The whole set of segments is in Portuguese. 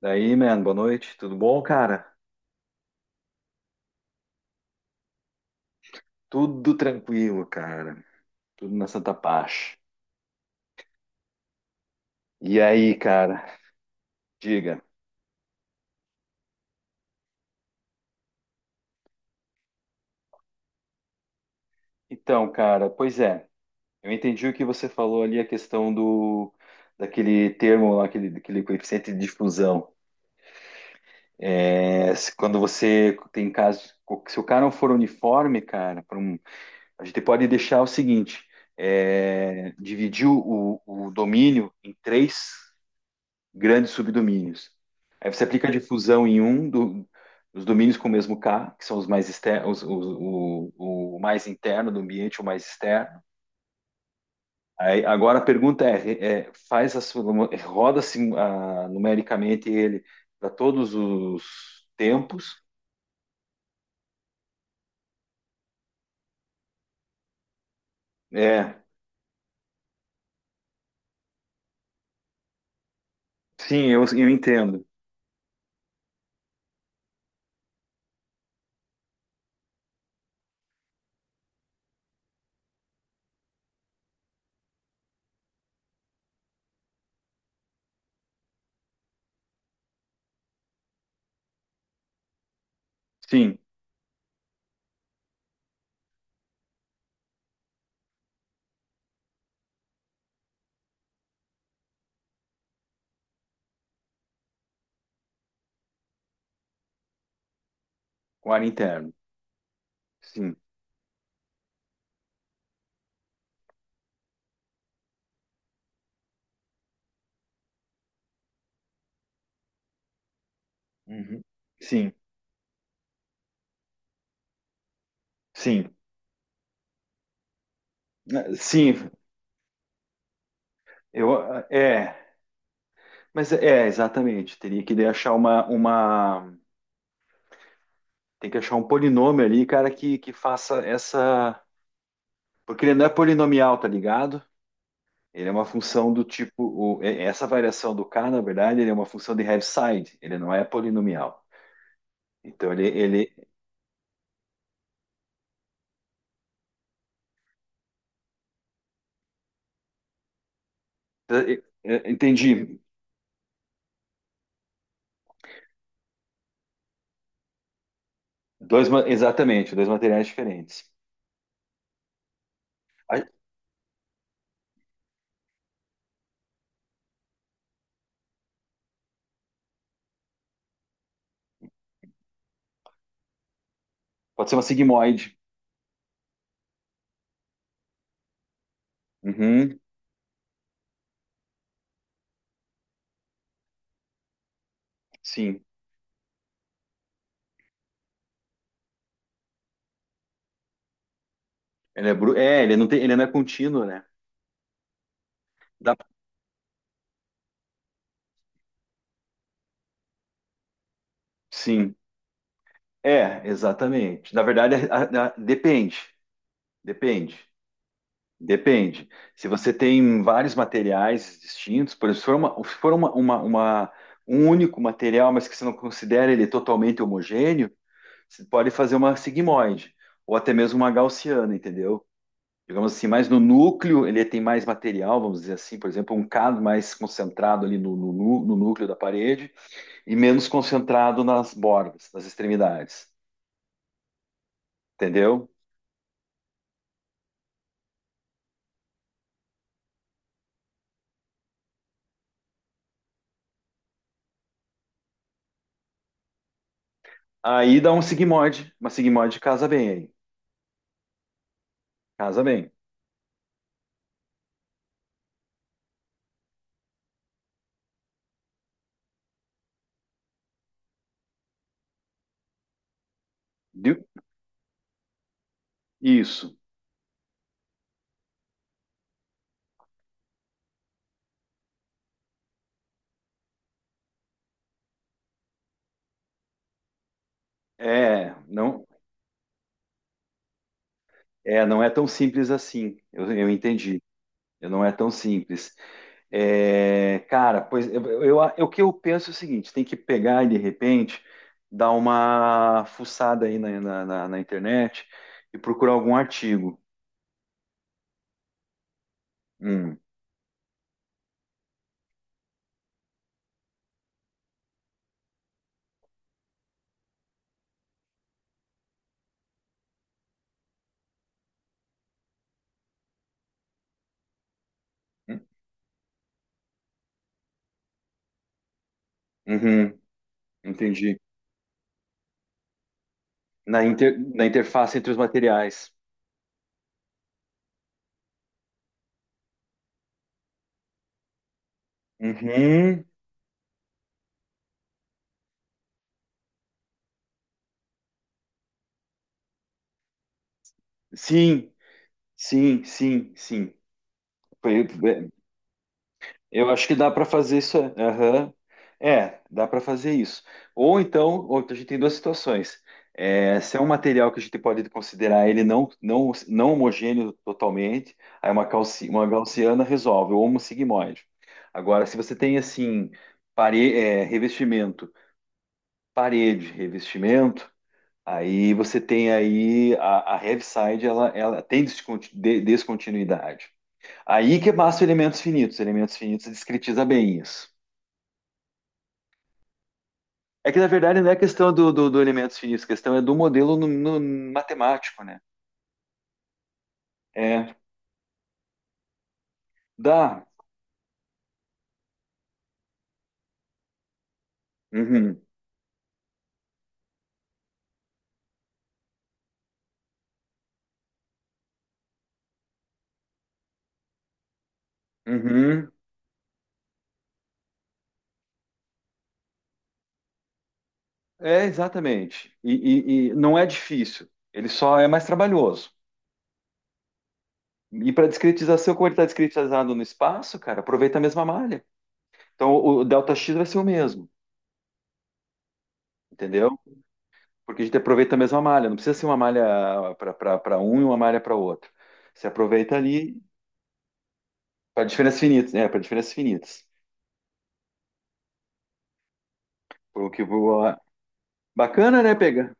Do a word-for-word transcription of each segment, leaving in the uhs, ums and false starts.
Daí, man, boa noite. Tudo bom, cara? Tudo tranquilo, cara. Tudo na Santa Paz. E aí, cara? Diga. Então, cara, pois é. Eu entendi o que você falou ali, a questão do daquele termo lá, aquele, daquele coeficiente de difusão. É, se- quando você tem caso, se o cara não for uniforme, cara, pra um- a gente pode deixar o seguinte: é, dividir o, o domínio em três grandes subdomínios. Aí você aplica a difusão em um do- dos domínios com o mesmo K, que são os mais externos, o, o- o mais interno do ambiente, o mais externo. Aí, agora a pergunta é, é, faz a sua- roda-se ah, numericamente ele para todos os tempos? É, sim, eu, eu entendo. Sim, com ar interno. Sim. Uhum. Sim, sim. Eh, sim, eu, é, mas é, exatamente, teria que daí achar uma, uma, tem que achar um polinômio ali, cara, que, que faça essa. Porque ele não é polinomial, tá ligado? Ele é uma função do tipo. o- é- Essa variação do K, na verdade, ele é uma função de Heaviside. Ele não é polinomial. Então, ele. ele... é- é- entendi. Dois, ma- exatamente, dois materiais diferentes. Ah, pode ser uma sigmoide. Uhum, sim. Ele é, bru... é, ele não tem... Ele não é contínuo, né? Dá- Sim. É, exatamente. Na verdade, a- a- a- depende. Depende. Depende. Se você tem vários materiais distintos, por exemplo, se for, uma, se for uma- uma- uma- um único material, mas que você não considera ele totalmente homogêneo, você pode fazer uma sigmoide, ou até mesmo uma gaussiana, entendeu? Digamos assim, mas no núcleo ele tem mais material, vamos dizer assim, por exemplo, um cado mais concentrado ali no, no nu- no núcleo da parede e menos concentrado nas bordas, nas extremidades, entendeu? Aí dá um sigmoide, uma sigmoide casa bem aí, casa bem. Viu? Isso. É, não é, não é tão simples assim. Eu, eu entendi. Eu não é tão simples. É, cara, pois eu, eu, eu- o que eu penso é o seguinte: tem que pegar e de repente dar uma fuçada aí na, na, na- na internet e procurar algum artigo. Hum, hum, uhum, entendi. Na, inter, na interface entre os materiais. Uhum, sim, sim, sim, sim. Eu acho que dá para fazer isso. é, Aham. É, dá para fazer isso. Ou então, ou, a gente tem duas situações. É, se é um material que a gente pode considerar ele não, não, não homogêneo totalmente, aí uma, calci, uma gaussiana resolve, ou um sigmoide. Agora, se você tem assim, pare, é, revestimento, parede, revestimento, aí você tem aí a, a heavy side, ela, ela tem desconti- de- descontinuidade. Aí que massa elementos finitos. Elementos finitos discretiza bem isso. É que na verdade não é questão do, do, do elementos finitos, a questão é do modelo no, no matemático, né? É, dá. Uhum, uhum. É, exatamente. E, e- e não é difícil, ele só é mais trabalhoso. E para discretização, como ele está discretizado no espaço, cara, aproveita a mesma malha. Então o delta x vai ser o mesmo, entendeu? Porque a gente aproveita a mesma malha, não precisa ser uma malha para um e uma malha para outro. Você aproveita ali para diferenças finitas, né? Para diferenças finitas. O que o- a- Bacana, né, pegar?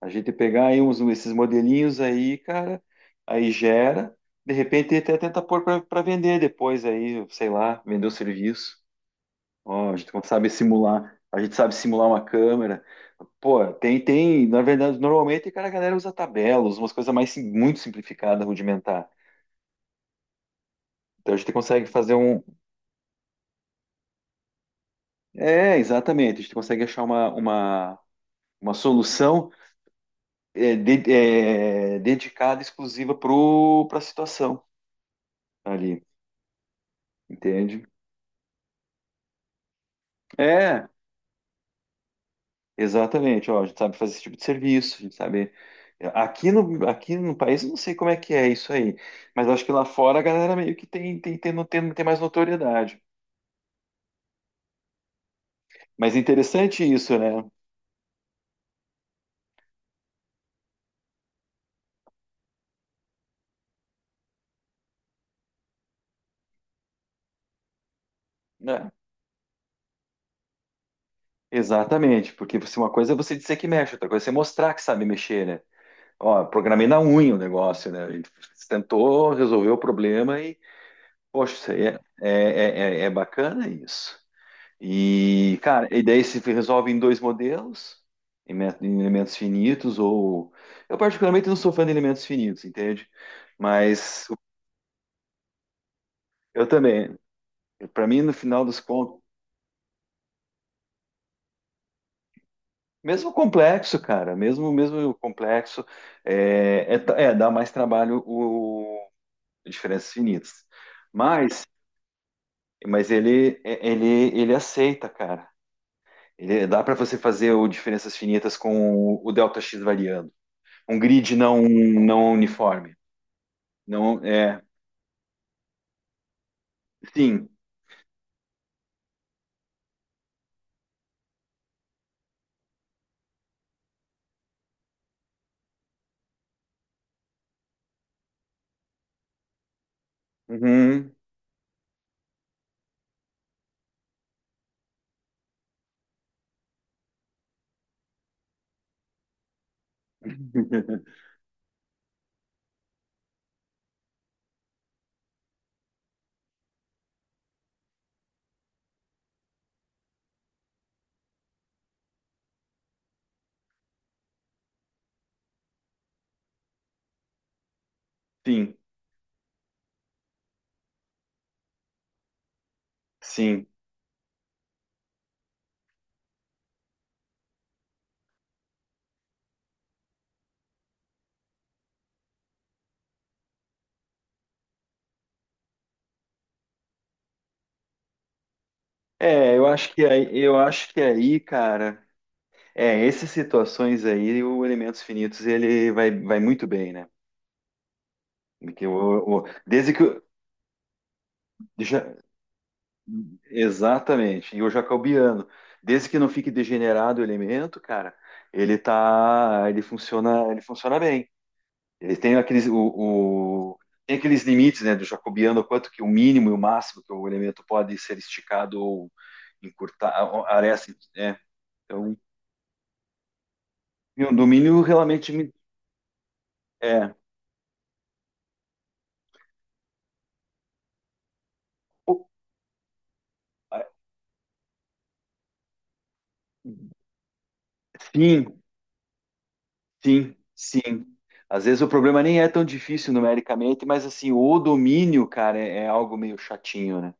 A gente pegar aí uns, esses modelinhos aí, cara, aí gera, de repente até tenta pôr para vender depois aí, sei lá, vender o serviço. Ó, a gente sabe simular, a gente sabe simular uma câmera. Pô, tem, tem, na verdade, normalmente, cara, a galera usa tabelas, umas coisas mais sim- muito simplificadas, rudimentar. Então a gente consegue fazer um. É, exatamente, a gente consegue achar uma, uma, uma solução é, de- é, dedicada, exclusiva para a situação ali, entende? É, exatamente. Ó, a gente sabe fazer esse tipo de serviço, a gente sabe. é, Aqui no, aqui no país, eu não sei como é que é isso aí, mas acho que lá fora a galera meio que tem, tem, tem, no- tem, tem mais notoriedade. Mas interessante isso, né? É, exatamente, porque você, uma coisa é você dizer que mexe, outra coisa é você mostrar que sabe mexer, né? Ó, programei na unha o negócio, né? A gente tentou resolver o problema e, poxa, isso aí é, é, é, é é bacana isso. E, cara, e daí se resolve em dois modelos, em, me- em elementos finitos, ou. Eu, particularmente, não sou fã de elementos finitos, entende? Mas eu também. Para mim, no final dos contos, mesmo complexo, cara, mesmo mesmo complexo, é, é, ta- é, dá mais trabalho o, o diferenças finitas. Mas, mas ele, é- ele, ele aceita, cara. Ele, dá para você fazer o diferenças finitas com o, o delta x variando. Um grid não, não uniforme. Não, é. Sim. Uhum. Sim, sim. É, eu acho que aí, eu acho que aí, cara, é, essas situações aí, o Elementos Finitos, ele vai, vai muito bem, né? Porque o, o- desde que o- já, exatamente, e o Jacobiano, desde que não fique degenerado o elemento, cara, ele tá, ele funciona, ele funciona bem. Eles têm aqueles, o, o- tem aqueles limites, né, do jacobiano, quanto que o mínimo e o máximo que o elemento pode ser esticado ou encurtar, ou aresta, né? Então, e o domínio realmente me- é, o- a- sim, sim, sim. Às vezes o problema nem é tão difícil numericamente, mas assim, o domínio, cara, é, é algo meio chatinho, né?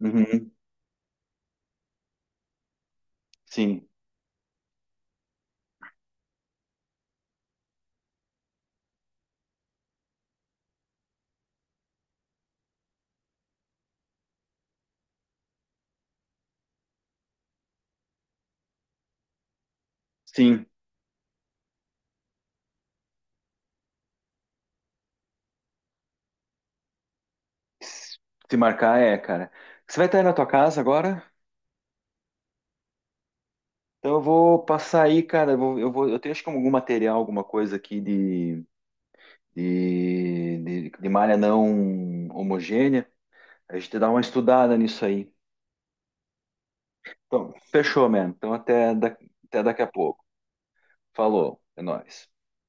Uhum, sim, sim. Se marcar é, cara. Você vai estar aí na tua casa agora? Então eu vou passar aí, cara. Eu vou, eu vou- eu tenho acho que algum material, alguma coisa aqui de, de, de, de malha não homogênea. A gente dá uma estudada nisso aí. Então, fechou, mano. Então até, da- até daqui a pouco. Falou, é nóis.